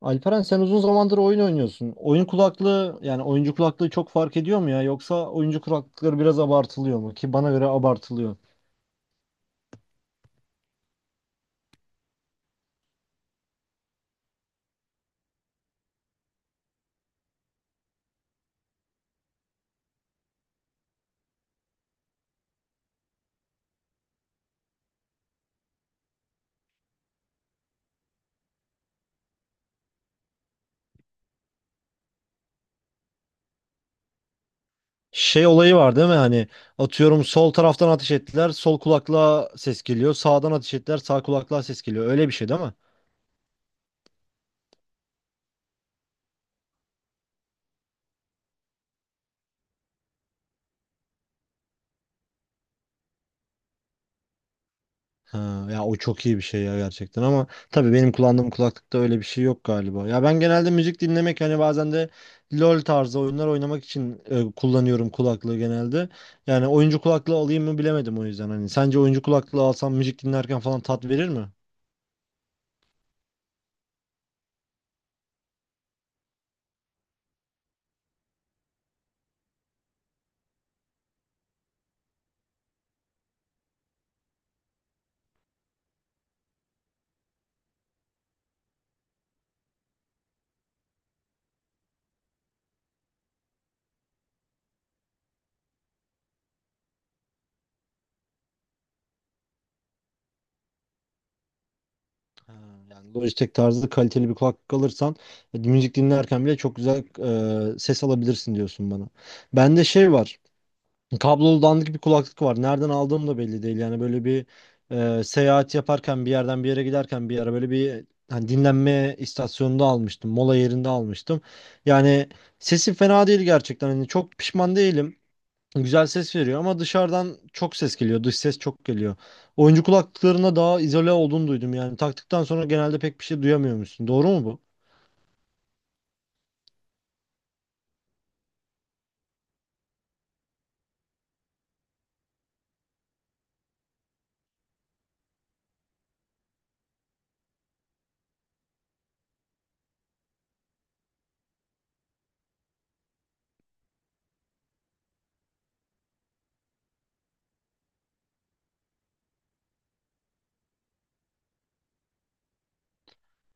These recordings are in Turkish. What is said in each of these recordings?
Alperen sen uzun zamandır oyun oynuyorsun. Oyun kulaklığı yani oyuncu kulaklığı çok fark ediyor mu ya? Yoksa oyuncu kulaklıkları biraz abartılıyor mu? Ki bana göre abartılıyor. Şey olayı var değil mi? Hani atıyorum sol taraftan ateş ettiler, sol kulaklığa ses geliyor. Sağdan ateş ettiler, sağ kulaklığa ses geliyor. Öyle bir şey değil mi? Ha, ya o çok iyi bir şey ya gerçekten ama tabii benim kullandığım kulaklıkta öyle bir şey yok galiba. Ya ben genelde müzik dinlemek hani bazen de LoL tarzı oyunlar oynamak için kullanıyorum kulaklığı genelde. Yani oyuncu kulaklığı alayım mı bilemedim o yüzden hani. Sence oyuncu kulaklığı alsam müzik dinlerken falan tat verir mi? Ha, yani Logitech tarzı kaliteli bir kulaklık alırsan müzik dinlerken bile çok güzel ses alabilirsin diyorsun bana. Bende şey var. Kablolu dandik bir kulaklık var. Nereden aldığım da belli değil. Yani böyle bir seyahat yaparken bir yerden bir yere giderken bir yere böyle bir hani dinlenme istasyonunda almıştım. Mola yerinde almıştım. Yani sesi fena değil gerçekten. Hani çok pişman değilim. Güzel ses veriyor ama dışarıdan çok ses geliyor. Dış ses çok geliyor. Oyuncu kulaklıklarına daha izole olduğunu duydum. Yani taktıktan sonra genelde pek bir şey duyamıyormuşsun. Doğru mu bu?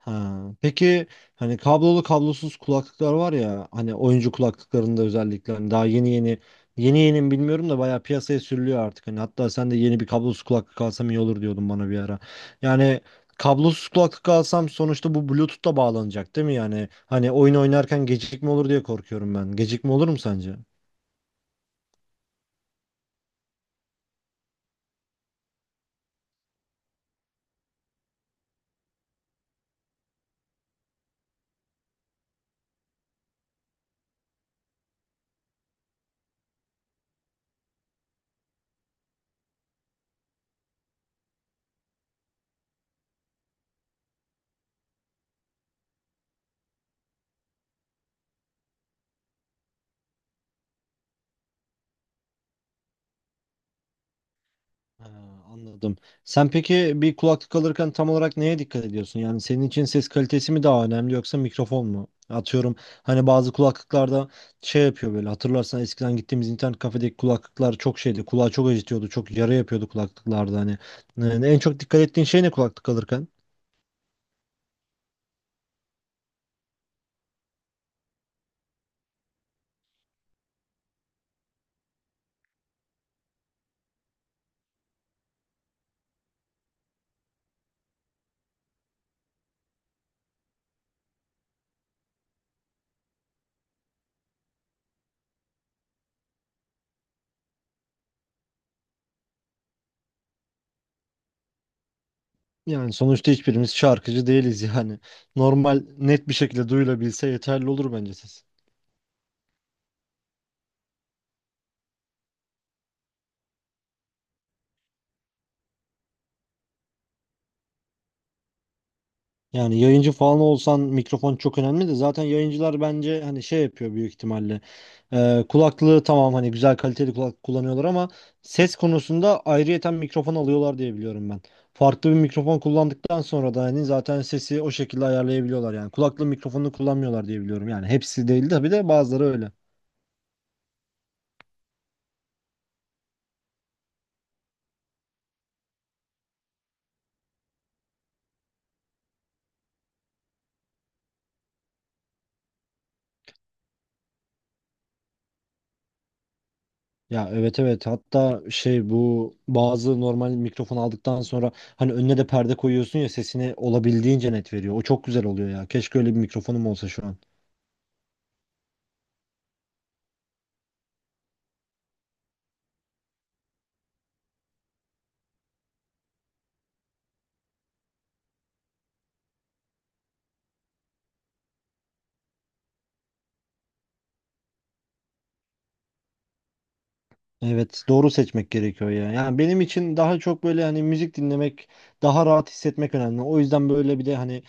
Ha. Peki hani kablolu kablosuz kulaklıklar var ya hani oyuncu kulaklıklarında özellikle hani daha yeni yeni mi bilmiyorum da bayağı piyasaya sürülüyor artık. Hani hatta sen de yeni bir kablosuz kulaklık alsam iyi olur diyordun bana bir ara. Yani kablosuz kulaklık alsam sonuçta bu Bluetooth'la bağlanacak değil mi yani? Hani oyun oynarken gecikme olur diye korkuyorum ben. Gecikme olur mu sence? Ha, anladım. Sen peki bir kulaklık alırken tam olarak neye dikkat ediyorsun? Yani senin için ses kalitesi mi daha önemli yoksa mikrofon mu? Atıyorum hani bazı kulaklıklarda şey yapıyor böyle hatırlarsan eskiden gittiğimiz internet kafedeki kulaklıklar çok şeydi. Kulağı çok acıtıyordu. Çok yara yapıyordu kulaklıklarda hani. Yani en çok dikkat ettiğin şey ne kulaklık alırken? Yani sonuçta hiçbirimiz şarkıcı değiliz yani. Normal net bir şekilde duyulabilse yeterli olur bence ses. Yani yayıncı falan olsan mikrofon çok önemli de zaten yayıncılar bence hani şey yapıyor büyük ihtimalle. Kulaklığı tamam hani güzel kaliteli kulak kullanıyorlar ama ses konusunda ayrıyeten mikrofon alıyorlar diye biliyorum ben. Farklı bir mikrofon kullandıktan sonra da hani zaten sesi o şekilde ayarlayabiliyorlar yani. Kulaklığı mikrofonunu kullanmıyorlar diye biliyorum yani. Hepsi değil tabii de bazıları öyle. Ya, evet, evet, hatta şey bu bazı normal mikrofon aldıktan sonra hani önüne de perde koyuyorsun ya sesini olabildiğince net veriyor. O çok güzel oluyor ya. Keşke öyle bir mikrofonum olsa şu an. Evet, doğru seçmek gerekiyor ya. Yani benim için daha çok böyle hani müzik dinlemek daha rahat hissetmek önemli. O yüzden böyle bir de hani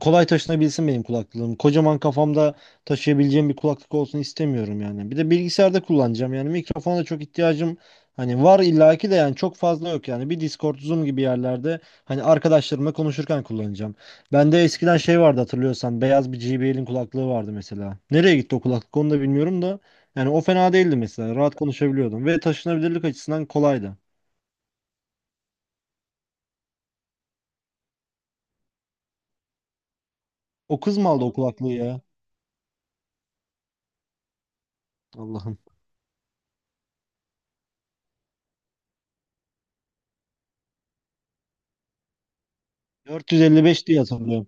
kolay taşınabilsin benim kulaklığım. Kocaman kafamda taşıyabileceğim bir kulaklık olsun istemiyorum yani. Bir de bilgisayarda kullanacağım yani mikrofona çok ihtiyacım hani var illaki de yani çok fazla yok yani. Bir Discord, Zoom gibi yerlerde hani arkadaşlarımla konuşurken kullanacağım. Bende eskiden şey vardı hatırlıyorsan beyaz bir JBL'in kulaklığı vardı mesela. Nereye gitti o kulaklık onu da bilmiyorum da yani o fena değildi mesela. Rahat konuşabiliyordum ve taşınabilirlik açısından kolaydı. O kız mı aldı o kulaklığı ya? Allah'ım. 455 diye hatırlıyorum.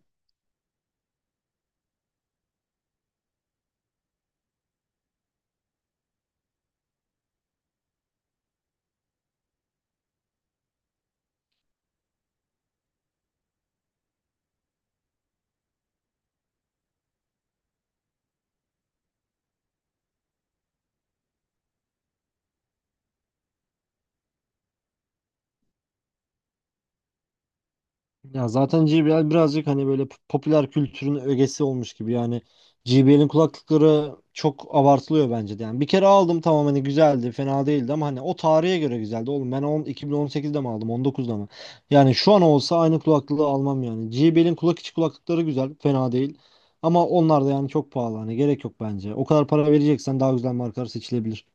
Ya zaten JBL birazcık hani böyle popüler kültürün ögesi olmuş gibi yani JBL'in kulaklıkları çok abartılıyor bence de yani bir kere aldım tamam hani güzeldi fena değildi ama hani o tarihe göre güzeldi oğlum ben 10, 2018'de mi aldım 19'da mı yani şu an olsa aynı kulaklığı almam yani JBL'in kulak içi kulaklıkları güzel fena değil ama onlar da yani çok pahalı hani gerek yok bence o kadar para vereceksen daha güzel markalar seçilebilir.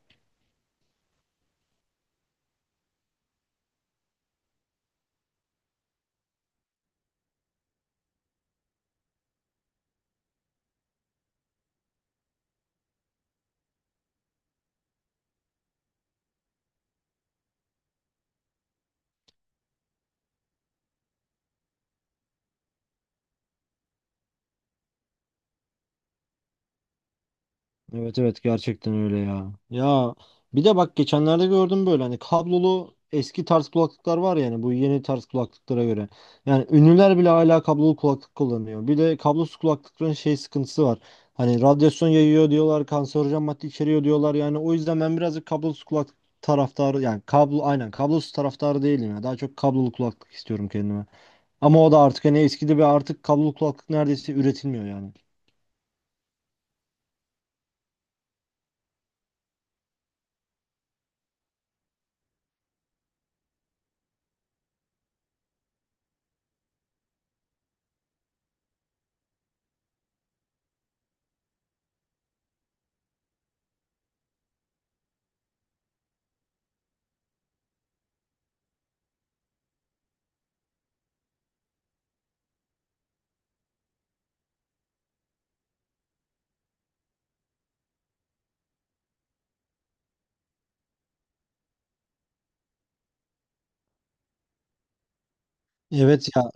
Evet, evet, gerçekten öyle ya. Ya bir de bak geçenlerde gördüm böyle hani kablolu eski tarz kulaklıklar var yani bu yeni tarz kulaklıklara göre. Yani ünlüler bile hala kablolu kulaklık kullanıyor. Bir de kablosuz kulaklıkların şey sıkıntısı var. Hani radyasyon yayıyor diyorlar, kanserojen madde içeriyor diyorlar. Yani o yüzden ben birazcık kablosuz kulaklık taraftarı yani kablo aynen kablosuz taraftarı değilim ya. Daha çok kablolu kulaklık istiyorum kendime. Ama o da artık hani eskidi bir artık kablolu kulaklık neredeyse üretilmiyor yani. Evet ya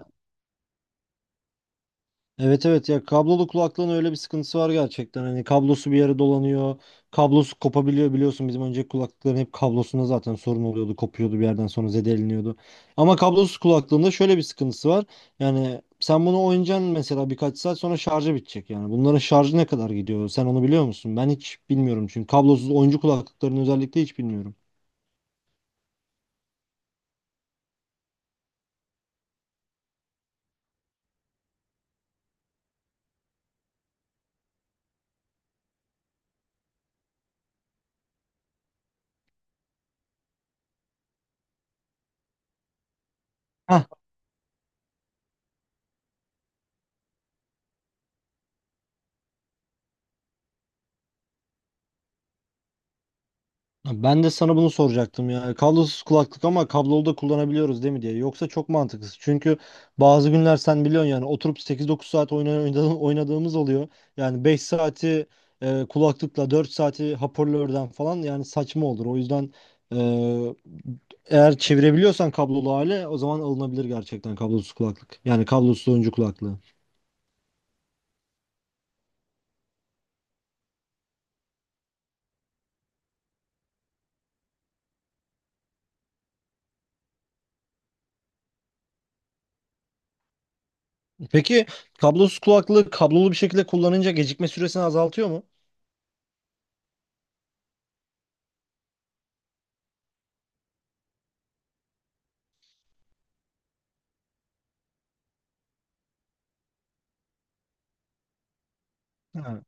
Evet ya kablolu kulaklığın öyle bir sıkıntısı var gerçekten. Hani kablosu bir yere dolanıyor. Kablosu kopabiliyor biliyorsun bizim önceki kulaklıkların hep kablosunda zaten sorun oluyordu. Kopuyordu bir yerden sonra zedeleniyordu. Ama kablosuz kulaklığında şöyle bir sıkıntısı var. Yani sen bunu oynayacaksın mesela birkaç saat sonra şarjı bitecek yani. Bunların şarjı ne kadar gidiyor? Sen onu biliyor musun? Ben hiç bilmiyorum çünkü kablosuz oyuncu kulaklıkların özellikle hiç bilmiyorum. Ben de sana bunu soracaktım ya. Kablosuz kulaklık ama kablolu da kullanabiliyoruz değil mi diye. Yoksa çok mantıksız. Çünkü bazı günler sen biliyorsun yani oturup sekiz dokuz saat oynadığımız oluyor. Yani 5 saati kulaklıkla 4 saati hoparlörden falan yani saçma olur. O yüzden e, eğer çevirebiliyorsan kablolu hale o zaman alınabilir gerçekten kablosuz kulaklık. Yani kablosuz oyuncu kulaklığı. Peki kablosuz kulaklığı kablolu bir şekilde kullanınca gecikme süresini azaltıyor mu? Ha.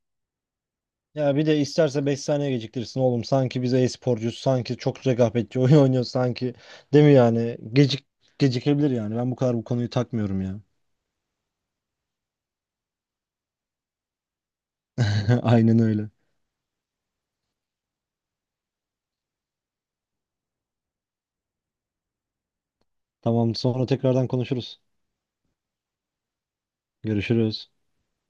Ya bir de isterse 5 saniye geciktirsin oğlum. Sanki biz e-sporcuyuz. Sanki çok rekabetçi oyun oynuyor sanki. Değil mi yani? Gecikebilir yani. Ben bu kadar bu konuyu takmıyorum ya. Aynen öyle. Tamam, sonra tekrardan konuşuruz. Görüşürüz.